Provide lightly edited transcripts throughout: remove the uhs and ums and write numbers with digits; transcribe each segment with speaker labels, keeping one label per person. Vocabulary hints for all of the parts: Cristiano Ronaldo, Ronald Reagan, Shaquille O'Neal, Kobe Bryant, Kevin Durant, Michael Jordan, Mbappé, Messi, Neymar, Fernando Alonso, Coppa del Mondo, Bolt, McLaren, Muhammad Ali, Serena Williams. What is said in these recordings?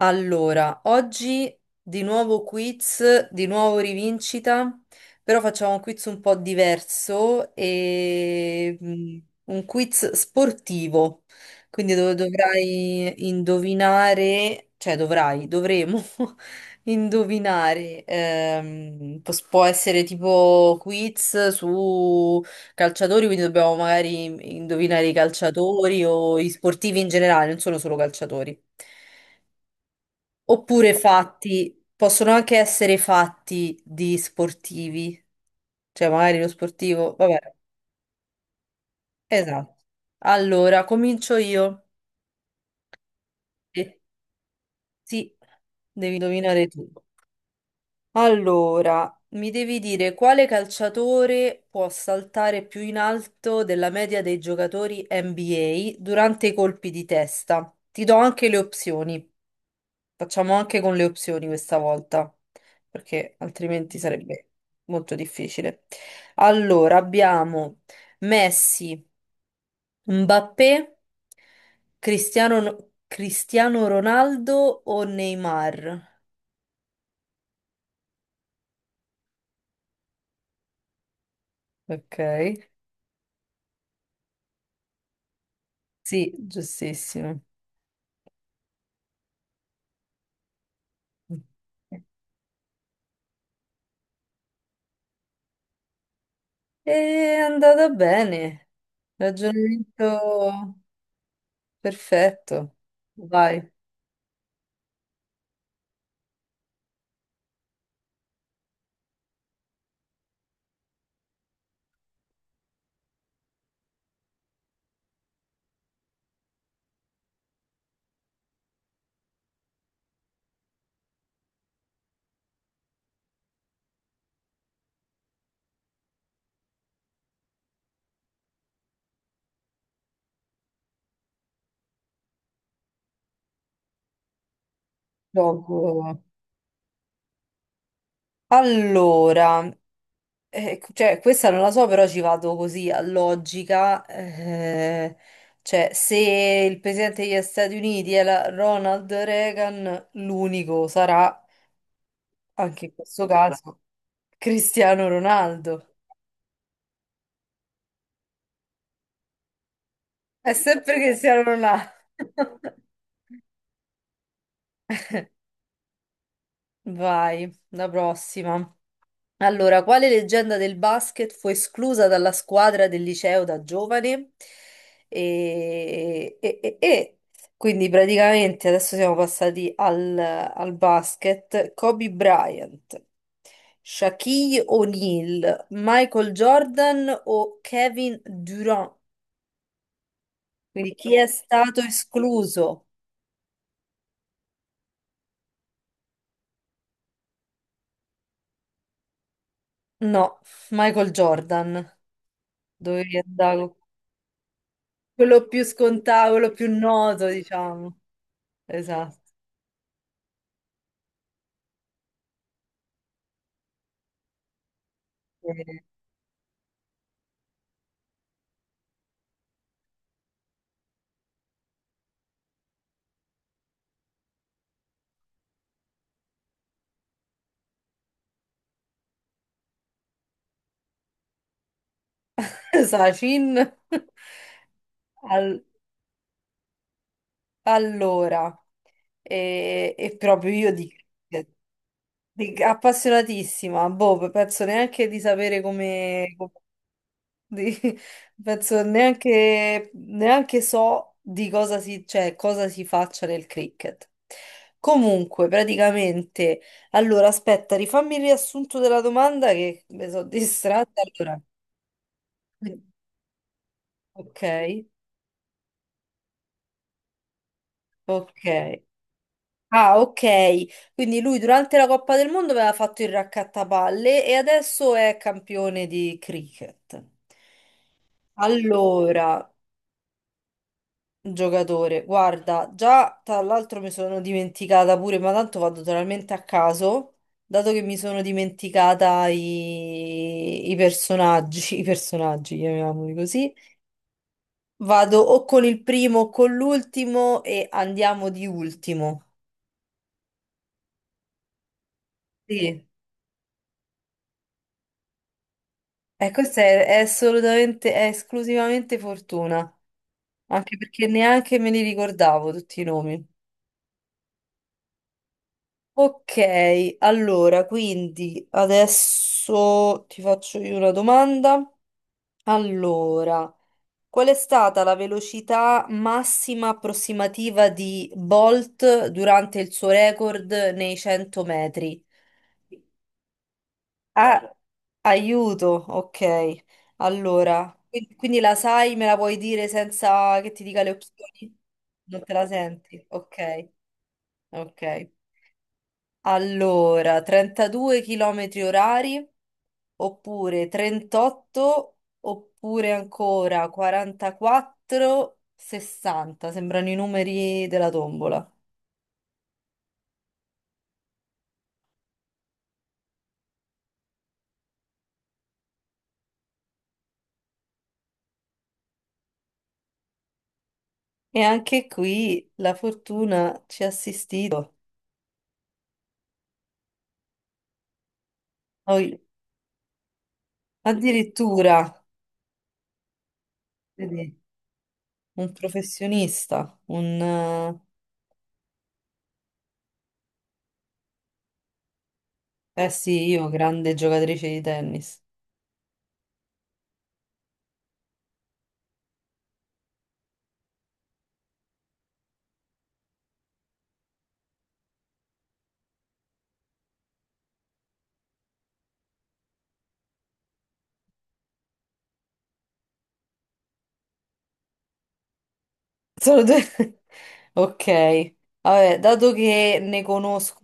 Speaker 1: Allora, oggi di nuovo quiz, di nuovo rivincita, però facciamo un quiz un po' diverso un quiz sportivo. Quindi dovrai indovinare, cioè dovrai, dovremo indovinare. Può essere tipo quiz su calciatori, quindi dobbiamo magari indovinare i calciatori o i sportivi in generale, non sono solo calciatori. Oppure fatti, possono anche essere fatti di sportivi, cioè magari lo sportivo, vabbè, esatto. Allora, comincio io. E sì, devi indovinare tu. Allora, mi devi dire quale calciatore può saltare più in alto della media dei giocatori NBA durante i colpi di testa. Ti do anche le opzioni. Facciamo anche con le opzioni questa volta, perché altrimenti sarebbe molto difficile. Allora, abbiamo Messi, Mbappé, Cristiano Ronaldo o Neymar? Ok, sì, giustissimo. È andata bene, ragionamento perfetto. Vai, gioco. Allora. Ecco, cioè, questa non la so, però ci vado così a logica. Eh, cioè, se il presidente degli Stati Uniti è Ronald Reagan, l'unico sarà, anche in questo caso, Cristiano Ronaldo. È sempre Cristiano Ronaldo. Vai, la prossima. Allora, quale leggenda del basket fu esclusa dalla squadra del liceo da giovane? E, e- e- e- quindi praticamente adesso siamo passati al basket. Kobe Bryant, Shaquille O'Neal, Michael Jordan o Kevin Durant? Quindi chi è stato escluso? No, Michael Jordan. Dovevi andare con quello più scontato, quello più noto, diciamo. Esatto. Sacin. Al- allora, e proprio io appassionatissima, boh, penso neanche di sapere di- penso neanche so di cosa cioè, cosa si faccia nel cricket. Comunque, praticamente, allora aspetta, rifammi il riassunto della domanda che mi sono distratta. Allora, ok, ok. Ah, ok. Quindi lui durante la Coppa del Mondo aveva fatto il raccattapalle e adesso è campione di cricket. Allora, giocatore, guarda, già tra l'altro mi sono dimenticata pure, ma tanto vado totalmente a caso, dato che mi sono dimenticata i personaggi, i personaggi, chiamiamoli così. Vado o con il primo o con l'ultimo e andiamo di ultimo. Sì. Questa è assolutamente, è esclusivamente fortuna, anche perché neanche me li ricordavo tutti i nomi. Ok, allora, quindi adesso ti faccio io una domanda. Allora, qual è stata la velocità massima approssimativa di Bolt durante il suo record nei 100 metri? Ah, aiuto, ok. Allora, quindi la sai, me la puoi dire senza che ti dica le opzioni? Non te la senti? Ok, ok. Allora, 32 km orari, oppure 38, oppure ancora 44, 60. Sembrano i numeri della tombola. E anche qui la fortuna ci ha assistito. Oh, addirittura, vedi. Un professionista, un... eh sì, io, grande giocatrice di tennis. Solo due. Ok. Vabbè, dato che ne conosco...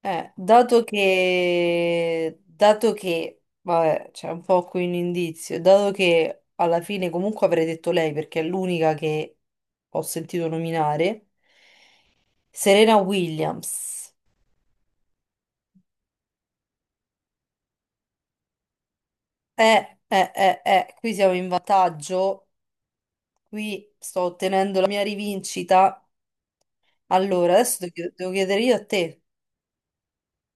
Speaker 1: Dato che... Dato che... Vabbè, c'è un po' qui un indizio. Dato che alla fine comunque avrei detto lei, perché è l'unica che ho sentito nominare, Serena Williams. Qui siamo in vantaggio. Qui sto ottenendo la mia rivincita. Allora, adesso devo devo chiedere io a te.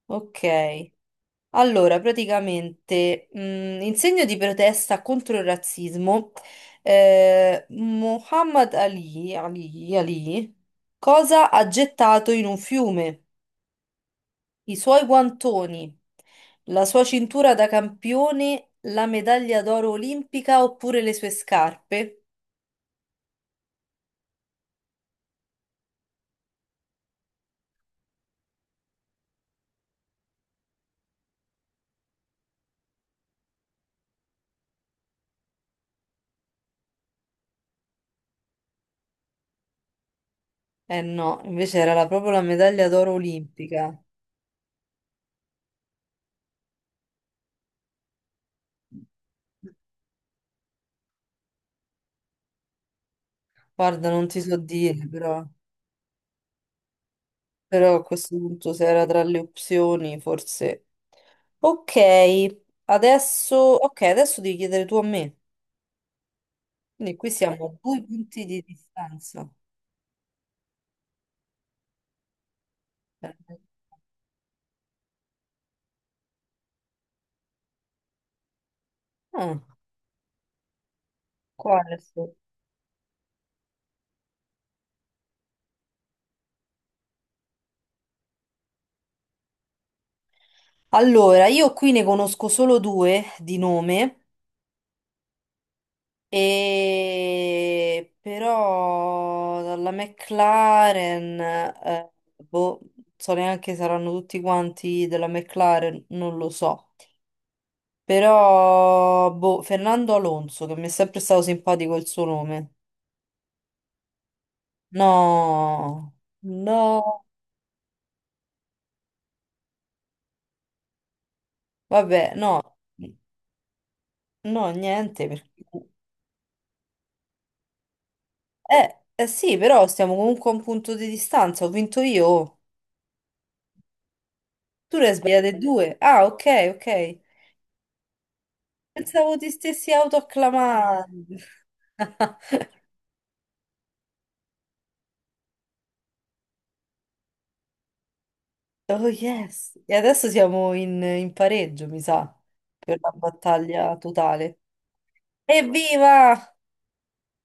Speaker 1: Ok. Allora, praticamente, in segno di protesta contro il razzismo, Muhammad Ali, cosa ha gettato in un fiume? I suoi guantoni, la sua cintura da campione, la medaglia d'oro olimpica oppure le sue scarpe? Eh no, invece era proprio la medaglia d'oro olimpica. Guarda, non ti so dire, però, però a questo punto se era tra le opzioni, forse. Ok, ok, adesso devi chiedere tu a me. Quindi qui siamo a 2 punti di distanza. Ah, quale? Allora, io qui ne conosco solo due di nome, e... però dalla McLaren, boh, non so neanche se saranno tutti quanti della McLaren, non lo so. Però, boh, Fernando Alonso, che mi è sempre stato simpatico il suo nome. No, no, vabbè, no, niente. Perché... eh sì, però stiamo comunque a un punto di distanza. Ho vinto io. Tu ne hai sbagliate due. Ah, ok, ok. Pensavo ti stessi autoacclamando. Oh yes. E adesso siamo in pareggio, mi sa, per la battaglia totale. Evviva!